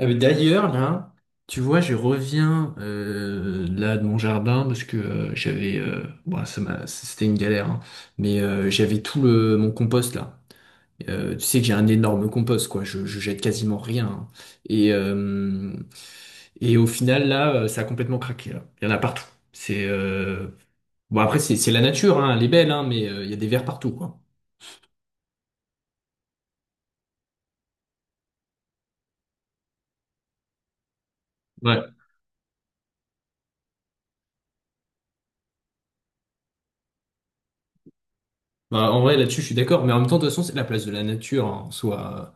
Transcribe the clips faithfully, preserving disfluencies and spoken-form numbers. Euh, D'ailleurs, là, tu vois, je reviens euh, là de mon jardin parce que euh, j'avais, euh, bon, ça m'a, c'était une galère, hein, mais euh, j'avais tout le mon compost là. Euh, tu sais que j'ai un énorme compost, quoi. Je, je jette quasiment rien, hein. Et euh, et au final, là, euh, ça a complètement craqué. Là. Il y en a partout. C'est euh, Bon après, c'est c'est la nature, hein, elle est belle, hein, mais euh, il y a des vers partout, quoi. Ouais. Bah, en vrai, là-dessus, je suis d'accord. Mais en même temps, de toute façon, c'est la place de la nature, hein, en soi.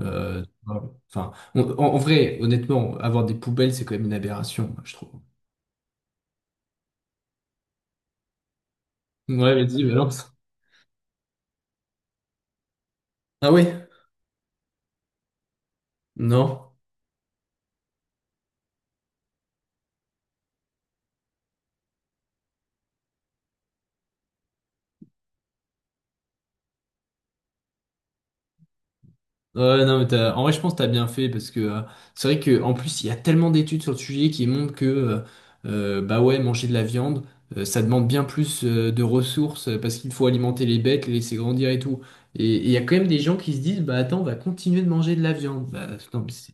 Euh, voilà. enfin, on- en, en vrai, honnêtement, avoir des poubelles, c'est quand même une aberration, moi, je trouve. Ouais, vas-y, balance. Ah oui. Non. Ouais, non, mais t'as- en vrai, je pense que t'as bien fait parce que euh, c'est vrai que en plus, il y a tellement d'études sur le sujet qui montrent que euh, euh, bah ouais, manger de la viande, euh, ça demande bien plus euh, de ressources euh, parce qu'il faut alimenter les bêtes, les laisser grandir et tout. Et et il y a quand même des gens qui se disent, bah attends, on va continuer de manger de la viande. Bah, non, mais c'est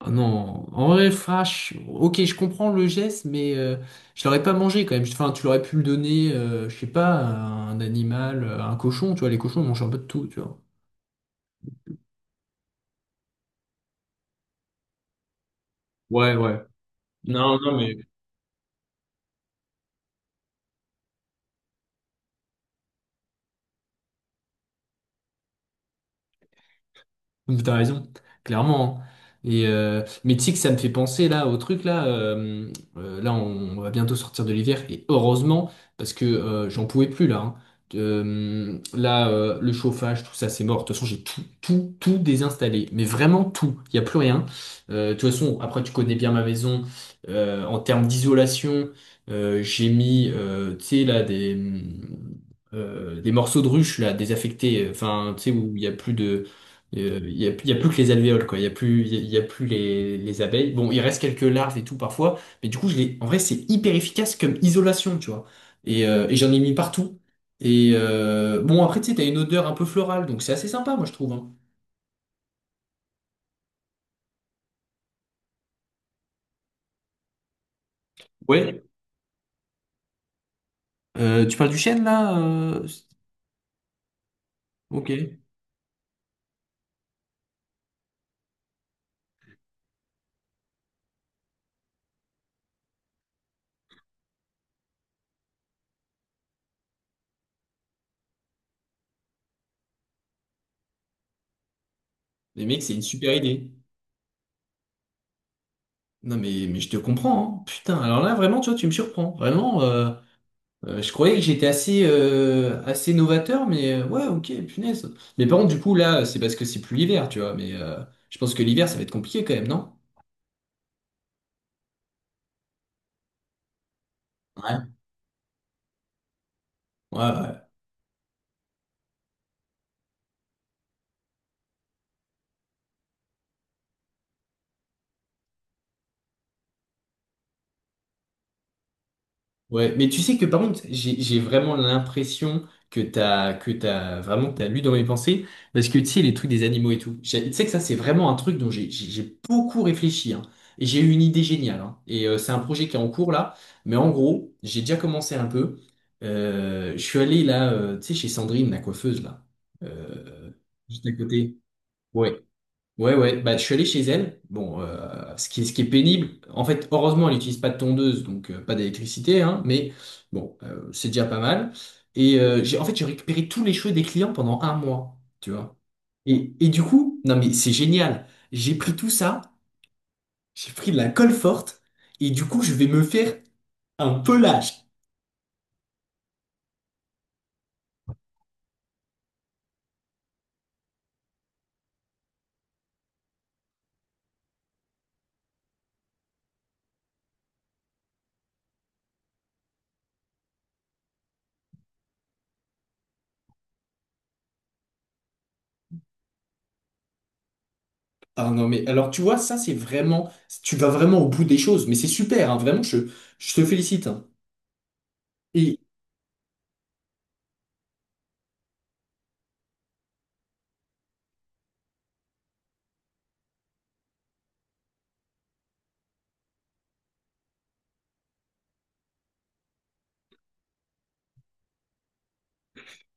Ah non, en vrai, Flash, ok, je comprends le geste, mais euh, je l'aurais pas mangé quand même. Enfin, tu l'aurais pu le donner, euh, je sais pas, à un animal, à un cochon, tu vois, les cochons mangent un peu de tout, tu vois. Ouais, ouais. Non, non, mais Mais t'as raison, clairement, hein. Et euh, mais tu sais que ça me fait penser là au truc là. euh, euh, Là, on, on va bientôt sortir de l'hiver et heureusement parce que euh, j'en pouvais plus là, hein. Euh, là, euh, le chauffage, tout ça, c'est mort. De toute façon, j'ai tout, tout, tout désinstallé. Mais vraiment tout. Il y a plus rien. Euh, de toute façon, après, tu connais bien ma maison. Euh, en termes d'isolation, euh, j'ai mis, euh, tu sais là des euh, des morceaux de ruche là désaffectés. Enfin, tu sais où il y a plus de il n'y a, y a plus que les alvéoles, quoi. Il n'y a plus, il y a, y a plus les, les abeilles. Bon, il reste quelques larves et tout parfois, mais du coup, je l'ai- en vrai, c'est hyper efficace comme isolation, tu vois. Et, euh, et j'en ai mis partout. Et euh, bon, après, tu sais, t'as une odeur un peu florale, donc c'est assez sympa, moi, je trouve, hein. Ouais. Euh, tu parles du chêne, là? euh, Ok. Les mecs, c'est une super idée. Non, mais, mais je te comprends, hein. Putain, alors là, vraiment, tu vois, tu me surprends. Vraiment. Euh, Euh, je croyais que j'étais assez, euh, assez novateur, mais euh, ouais, ok, punaise. Mais par contre, du coup, là, c'est parce que c'est plus l'hiver, tu vois. Mais euh, je pense que l'hiver, ça va être compliqué quand même, non? Ouais. Ouais, ouais. Ouais, mais tu sais que par contre, j'ai j'ai vraiment l'impression que t'as que t'as vraiment que t'as lu dans mes pensées, parce que tu sais les trucs des animaux et tout. J'ai- Tu sais que ça c'est vraiment un truc dont j'ai j'ai j'ai beaucoup réfléchi, hein. Et j'ai eu une idée géniale, hein. Et euh, c'est un projet qui est en cours là, mais en gros, j'ai déjà commencé un peu. Euh, je suis allé là, euh, tu sais, chez Sandrine, la coiffeuse là, euh, juste à côté. Ouais. Ouais, ouais, bah, je suis allé chez elle. Bon, euh, ce qui, ce qui est pénible, en fait, heureusement, elle n'utilise pas de tondeuse, donc euh, pas d'électricité, hein, mais bon, euh, c'est déjà pas mal. Et euh, j'ai, en fait, j'ai récupéré tous les cheveux des clients pendant un mois, tu vois. Et, et du coup, non, mais c'est génial. J'ai pris tout ça, j'ai pris de la colle forte, et du coup, je vais me faire un pelage. Ah non, mais alors, tu vois, ça, c'est vraiment, tu vas vraiment au bout des choses, mais c'est super, hein, vraiment, je, je te félicite, hein. Et,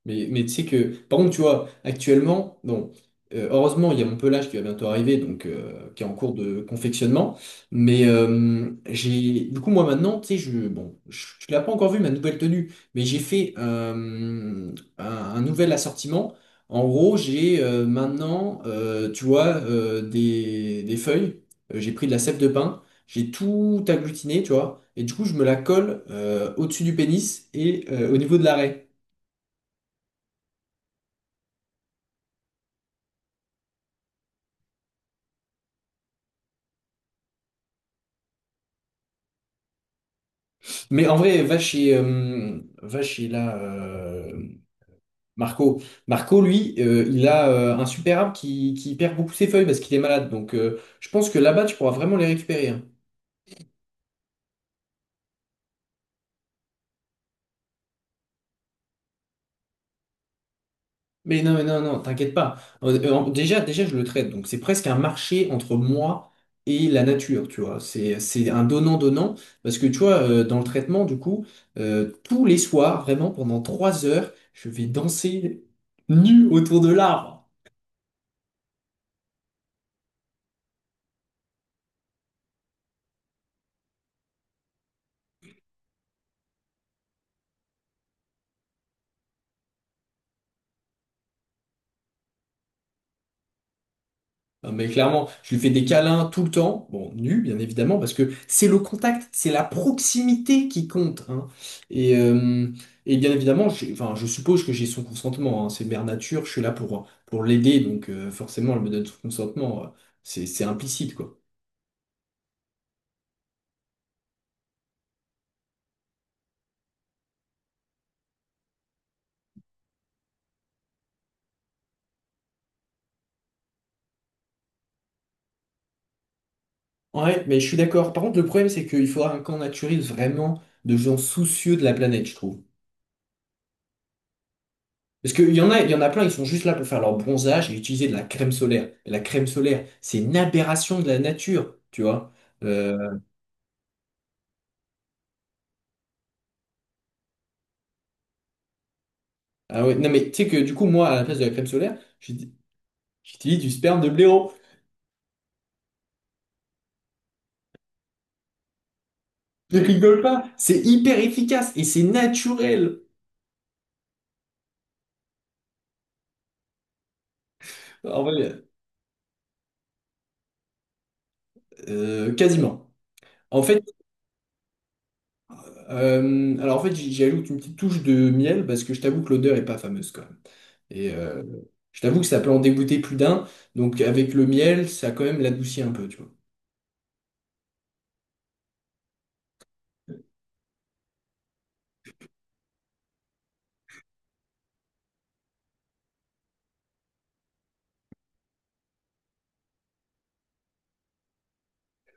Mais, mais tu sais que, par contre, tu vois, actuellement, bon, euh, heureusement, il y a mon pelage qui va bientôt arriver, donc euh, qui est en cours de confectionnement. Mais euh, j'ai, du coup, moi maintenant, tu sais, je, bon, je, tu l'as pas encore vu ma nouvelle tenue, mais j'ai fait euh, un, un nouvel assortiment. En gros, j'ai euh, maintenant, euh, tu vois, euh, des, des feuilles. Euh, j'ai pris de la sève de pin. J'ai tout agglutiné, tu vois, et du coup, je me la colle euh, au-dessus du pénis et euh, au niveau de l'arrêt. Mais en vrai, va chez, euh, va chez là, euh, Marco. Marco, lui, euh, il a euh, un super arbre qui, qui perd beaucoup ses feuilles parce qu'il est malade. Donc, euh, je pense que là-bas, tu pourras vraiment les récupérer, hein. Mais non, mais non, non, t'inquiète pas. Euh, euh, déjà, déjà, je le traite. Donc, c'est presque un marché entre moi et la nature, tu vois. C'est, c'est un donnant-donnant parce que, tu vois, euh, dans le traitement, du coup, euh, tous les soirs, vraiment, pendant trois heures, je vais danser nu autour de l'arbre. Ah, Mais clairement, je lui fais des câlins tout le temps, bon, nu, bien évidemment, parce que c'est le contact, c'est la proximité qui compte, hein. Et, euh, et bien évidemment, j'ai- enfin, je suppose que j'ai son consentement, hein. C'est mère nature, je suis là pour, pour l'aider, donc euh, forcément, elle me donne son consentement, euh, c'est, c'est implicite, quoi. Ouais, mais je suis d'accord. Par contre, le problème, c'est qu'il faudra un camp naturel vraiment de gens soucieux de la planète, je trouve. Parce qu'il y en a, il y en a plein, ils sont juste là pour faire leur bronzage et utiliser de la crème solaire. Et la crème solaire, c'est une aberration de la nature, tu vois. Euh, ah ouais, non mais tu sais que du coup, moi, à la place de la crème solaire, j'uti- j'utilise du sperme de blaireau. Je rigole pas, c'est hyper efficace et c'est naturel. En vrai, euh, quasiment. En fait, euh, alors en fait, j'y j'y ajoute une petite touche de miel parce que je t'avoue que l'odeur est pas fameuse quand même. Et euh, je t'avoue que ça peut en dégoûter plus d'un. Donc avec le miel, ça quand même l'adoucit un peu, tu vois.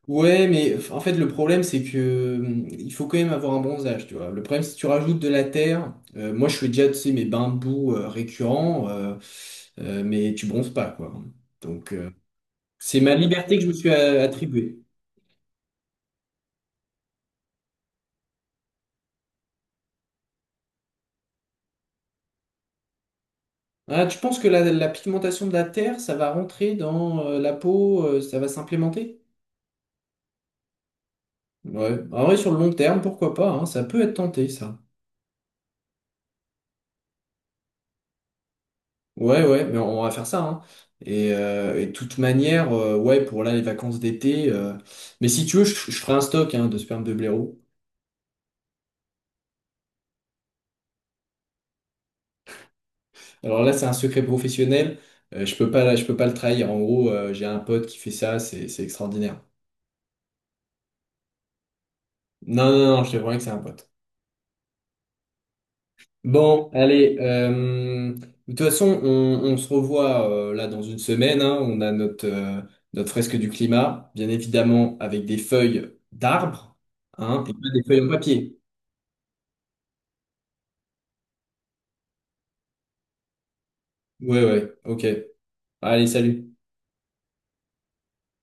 Ouais, mais f- en fait, le problème, c'est que hum, il faut quand même avoir un bronzage, tu vois. Le problème, si tu rajoutes de la terre, euh, moi, je fais déjà, tu sais, mes bains de boue euh, récurrents, euh, euh, mais tu bronzes pas, quoi. Donc, euh, c'est ma liberté que je me suis euh, attribuée. Ah, tu penses que la, la pigmentation de la terre, ça va rentrer dans euh, la peau, euh, ça va s'implémenter? Ouais. En vrai, sur le long terme, pourquoi pas, hein, ça peut être tenté, ça. Ouais, ouais, mais on on va faire ça, hein. Et, euh, et de toute manière, euh, ouais, pour là, les vacances d'été. euh, Mais si tu veux, je, je ferai un stock, hein, de sperme de blaireau. Alors là, c'est un secret professionnel. euh, je peux pas, je peux pas le trahir. En gros, euh, j'ai un pote qui fait ça, c'est c'est extraordinaire. Non, non, non, je te promets que c'est un pote. Bon, allez. euh, De toute façon, on, on se revoit euh, là dans une semaine, hein. On a notre, euh, notre fresque du climat, bien évidemment, avec des feuilles d'arbres, hein, et pas des feuilles en papier. Ouais, ouais, ok. Allez, salut.